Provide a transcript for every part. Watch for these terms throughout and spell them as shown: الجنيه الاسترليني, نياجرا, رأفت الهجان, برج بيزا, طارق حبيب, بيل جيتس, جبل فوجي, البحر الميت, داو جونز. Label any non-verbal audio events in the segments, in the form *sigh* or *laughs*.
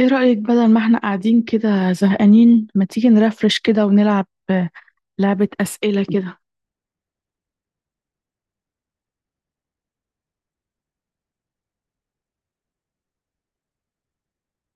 ايه رأيك بدل ما احنا قاعدين كده زهقانين، ما تيجي نرفرش كده ونلعب لعبة أسئلة كده؟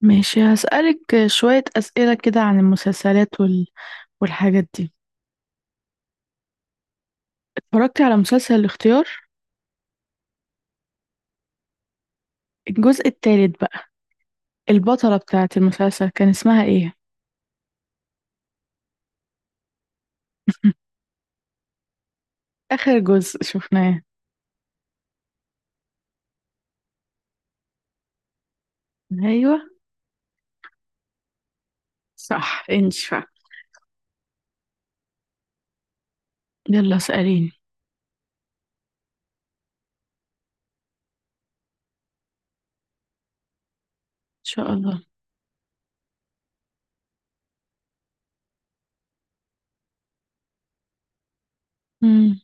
ماشي، هسألك شوية أسئلة كده عن المسلسلات والحاجات دي. اتفرجتي على مسلسل الاختيار؟ الجزء التالت بقى، البطلة بتاعة المسلسل كان اسمها ايه؟ *laughs* آخر جزء شفناه. ايوه صح انشفع. يلا اسأليني، ان شاء الله. مم.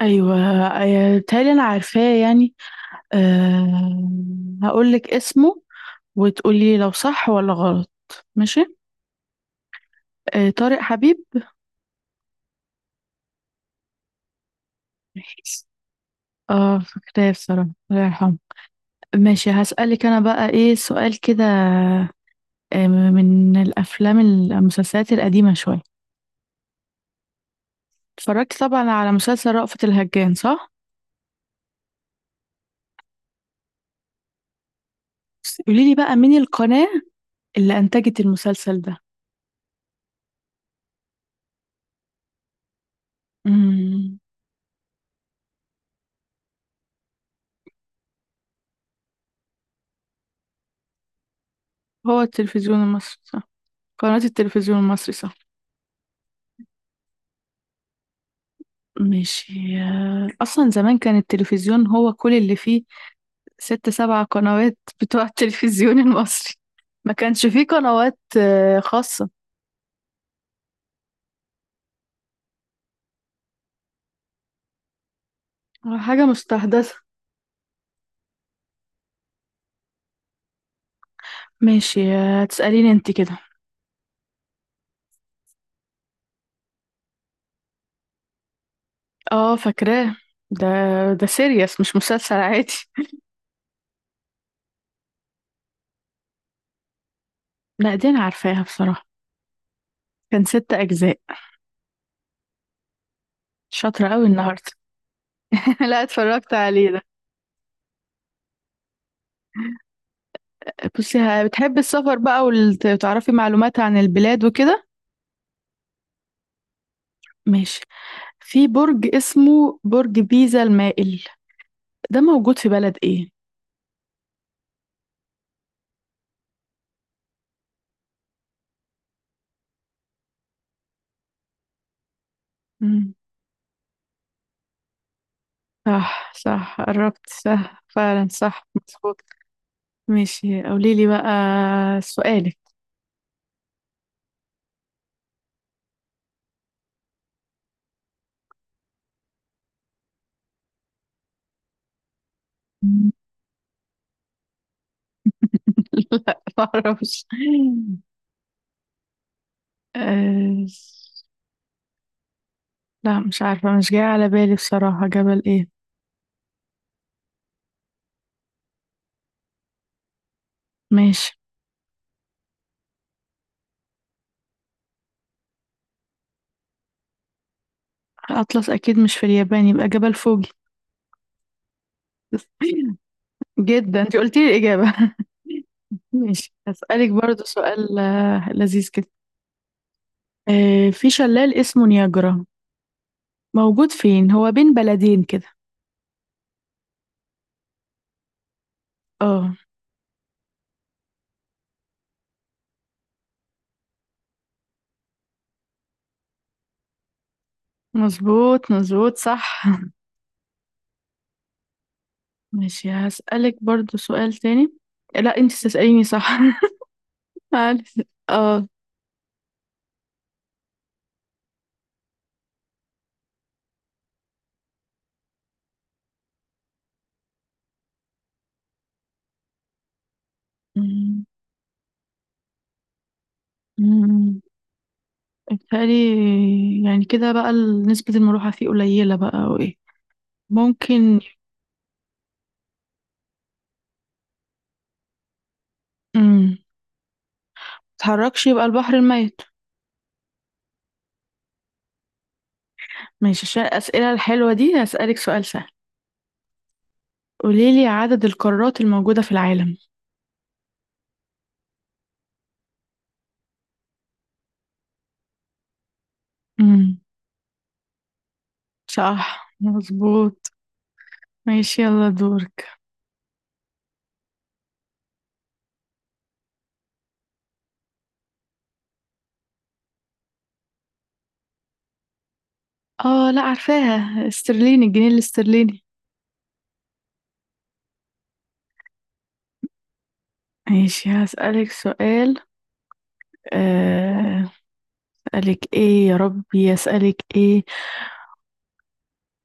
ايوه تالي انا عارفاه يعني. أه... هقول لك اسمه وتقولي لو صح ولا غلط. ماشي. آه طارق حبيب. ماشي، اه فاكراه بصراحة، الله يرحمه. ماشي، هسألك انا بقى ايه سؤال كده. من الافلام المسلسلات القديمة شوية. اتفرجت طبعا على مسلسل رأفت الهجان، صح؟ بس قولي لي بقى، مين القناة اللي انتجت المسلسل ده؟ امم هو التلفزيون المصري، صح؟ قناة التلفزيون المصري صح. ماشي، اصلا زمان كان التلفزيون هو كل اللي فيه، 6 7 قنوات بتوع التلفزيون المصري. ما كانش فيه قنوات خاصة، حاجة مستحدثة. ماشي، هتسأليني انت كده. اه فاكراه. ده ده سيريس مش مسلسل عادي. لا دي انا عارفاها بصراحة. كان 6 اجزاء. شاطرة قوي النهاردة. *laughs* لا اتفرجت عليه ده. بصي، بتحبي السفر بقى وتعرفي معلومات عن البلاد وكده؟ ماشي. في برج اسمه برج بيزا المائل، ده موجود في بلد ايه؟ مم. صح صح قربت، صح فعلا، صح مظبوط. ماشي، قولي لي بقى سؤالك. *laughs* لا ما اعرفش. آه، لا مش عارفة، مش جاية على بالي بصراحة، جبل ايه؟ ماشي. أطلس أكيد مش في اليابان، يبقى جبل فوجي. *laughs* جدا انت قلتي لي الإجابة. *laughs* ماشي، هسألك برضو سؤال لذيذ كده. في شلال اسمه نياجرا، موجود فين؟ هو بين بلدين كده. اه مظبوط مظبوط صح. ماشي، هسألك برضو سؤال تاني. لا انت تسأليني، صح؟ *laughs* معلش اه. أمم، أمم. بيتهيألي يعني كده بقى، نسبة المروحة فيه قليلة بقى او ايه، ممكن. أمم، متتحركش، يبقى البحر الميت. ماشي، عشان الأسئلة الحلوة دي هسألك سؤال سهل. قوليلي عدد القارات الموجودة في العالم. أمم، صح مظبوط. ماشي يلا دورك. اه لا، عارفاها، استرليني، الجنيه الاسترليني. ماشي، هسألك سؤال، آه، أسألك إيه يا ربي؟ أسألك إيه؟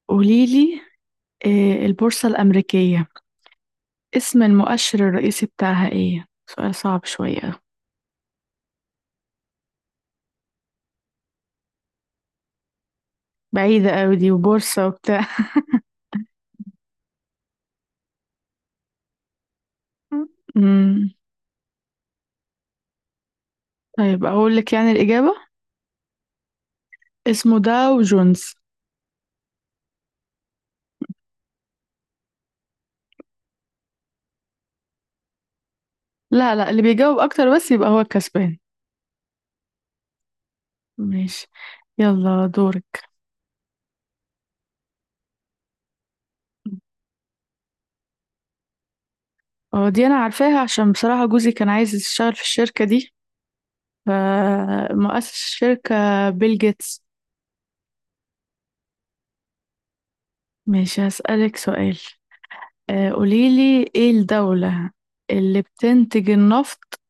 قوليلي، البورصة الأمريكية، اسم المؤشر الرئيسي بتاعها إيه؟ سؤال صعب شوية. بعيدة أوي دي، وبورصة وبتاع. *laughs* مم. طيب أقول لك يعني الإجابة، اسمه داو جونز. لا لا، اللي بيجاوب أكتر بس يبقى هو الكسبان. ماشي يلا دورك. اه دي أنا عارفاها، عشان بصراحة جوزي كان عايز يشتغل في الشركة دي، فمؤسس الشركة بيل جيتس. ماشي، هسألك سؤال، قوليلي ايه الدولة اللي بتنتج النفط،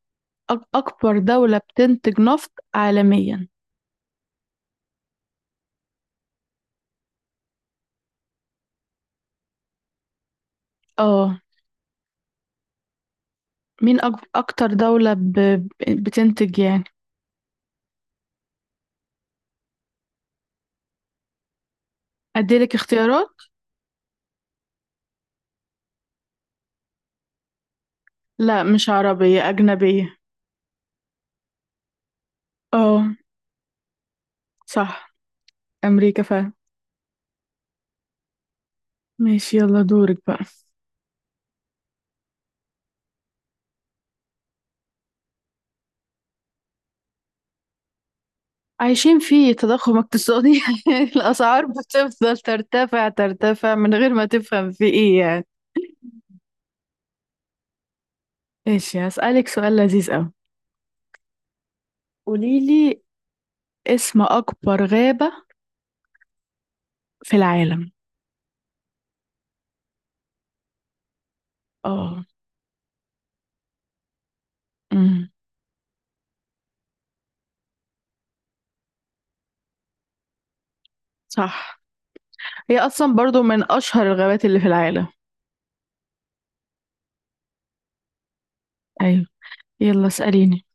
أكبر دولة بتنتج نفط عالميا. اه، مين أكتر دولة بتنتج يعني؟ أديلك اختيارات. لا مش عربية، أجنبية. اه صح، أمريكا فعلا. ماشي يلا دورك بقى. عايشين في تضخم اقتصادي. *laughs* الأسعار بتفضل ترتفع ترتفع من غير ما تفهم في ايه يعني. ماشي، هسألك سؤال لذيذ أوي. قوليلي اسم أكبر غابة في العالم. اه. امم صح. هي اصلا برضو من اشهر الغابات اللي في العالم. ايوه، يلا اسأليني.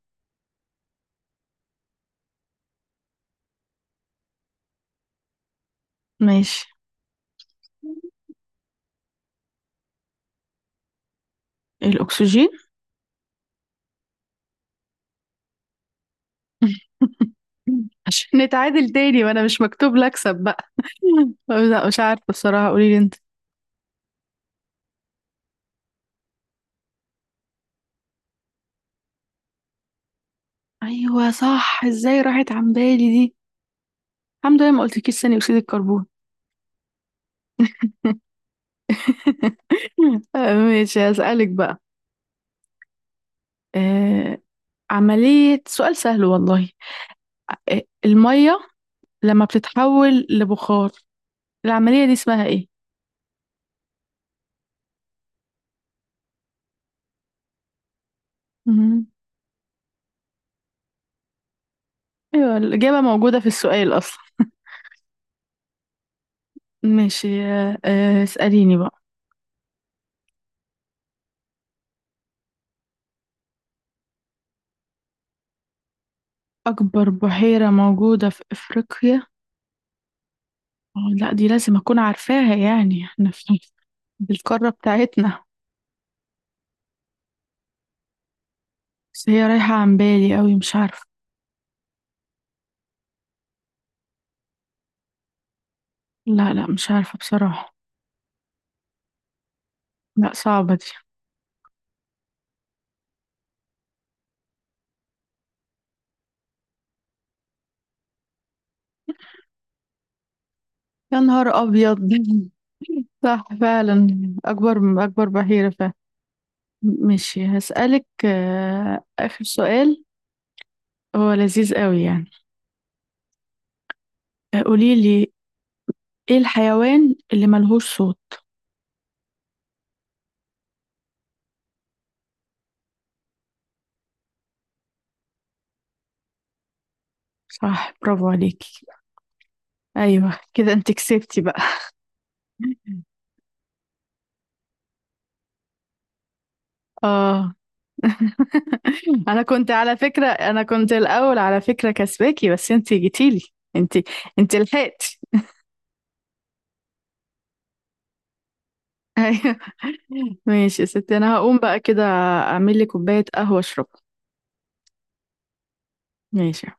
ماشي. الاكسجين. *laughs* عشان نتعادل تاني وانا مش مكتوب لي اكسب بقى. *laughs* لا مش عارفه الصراحه، قولي لي انت. ايوه صح، ازاي راحت عن بالي دي. الحمد لله ما قلتلكيش ثاني اكسيد الكربون. *laughs* ماشي هسألك بقى. آه، عملية، سؤال سهل والله. المية لما بتتحول لبخار، العملية دي اسمها ايه؟ مهم. ايوه الإجابة موجودة في السؤال أصلا. ماشي، اسأليني بقى. أكبر بحيرة موجودة في أفريقيا؟ اه لا، دي لازم أكون عارفاها يعني، احنا في *laughs* بالقارة بتاعتنا. بس هي رايحة عن بالي أوي، مش عارفة. لا لا مش عارفة بصراحة. لا صعبة دي. يا نهار أبيض. *laughs* صح فعلا، أكبر أكبر بحيرة فعلا. ماشي، هسألك آخر سؤال، هو لذيذ أوي يعني. قولي لي، ايه الحيوان اللي ملهوش صوت؟ صح برافو عليكي. ايوه كده انت كسبتي بقى. *laughs* اه انا كنت على فكرة، انا كنت الاول على فكرة كسباكي بس انت جيتيلي، انت انت لحقتي. *laughs* ايوه. ماشي يا ستي، انا هقوم بقى كده، اعمل لي كوباية قهوة اشربها. ماشي.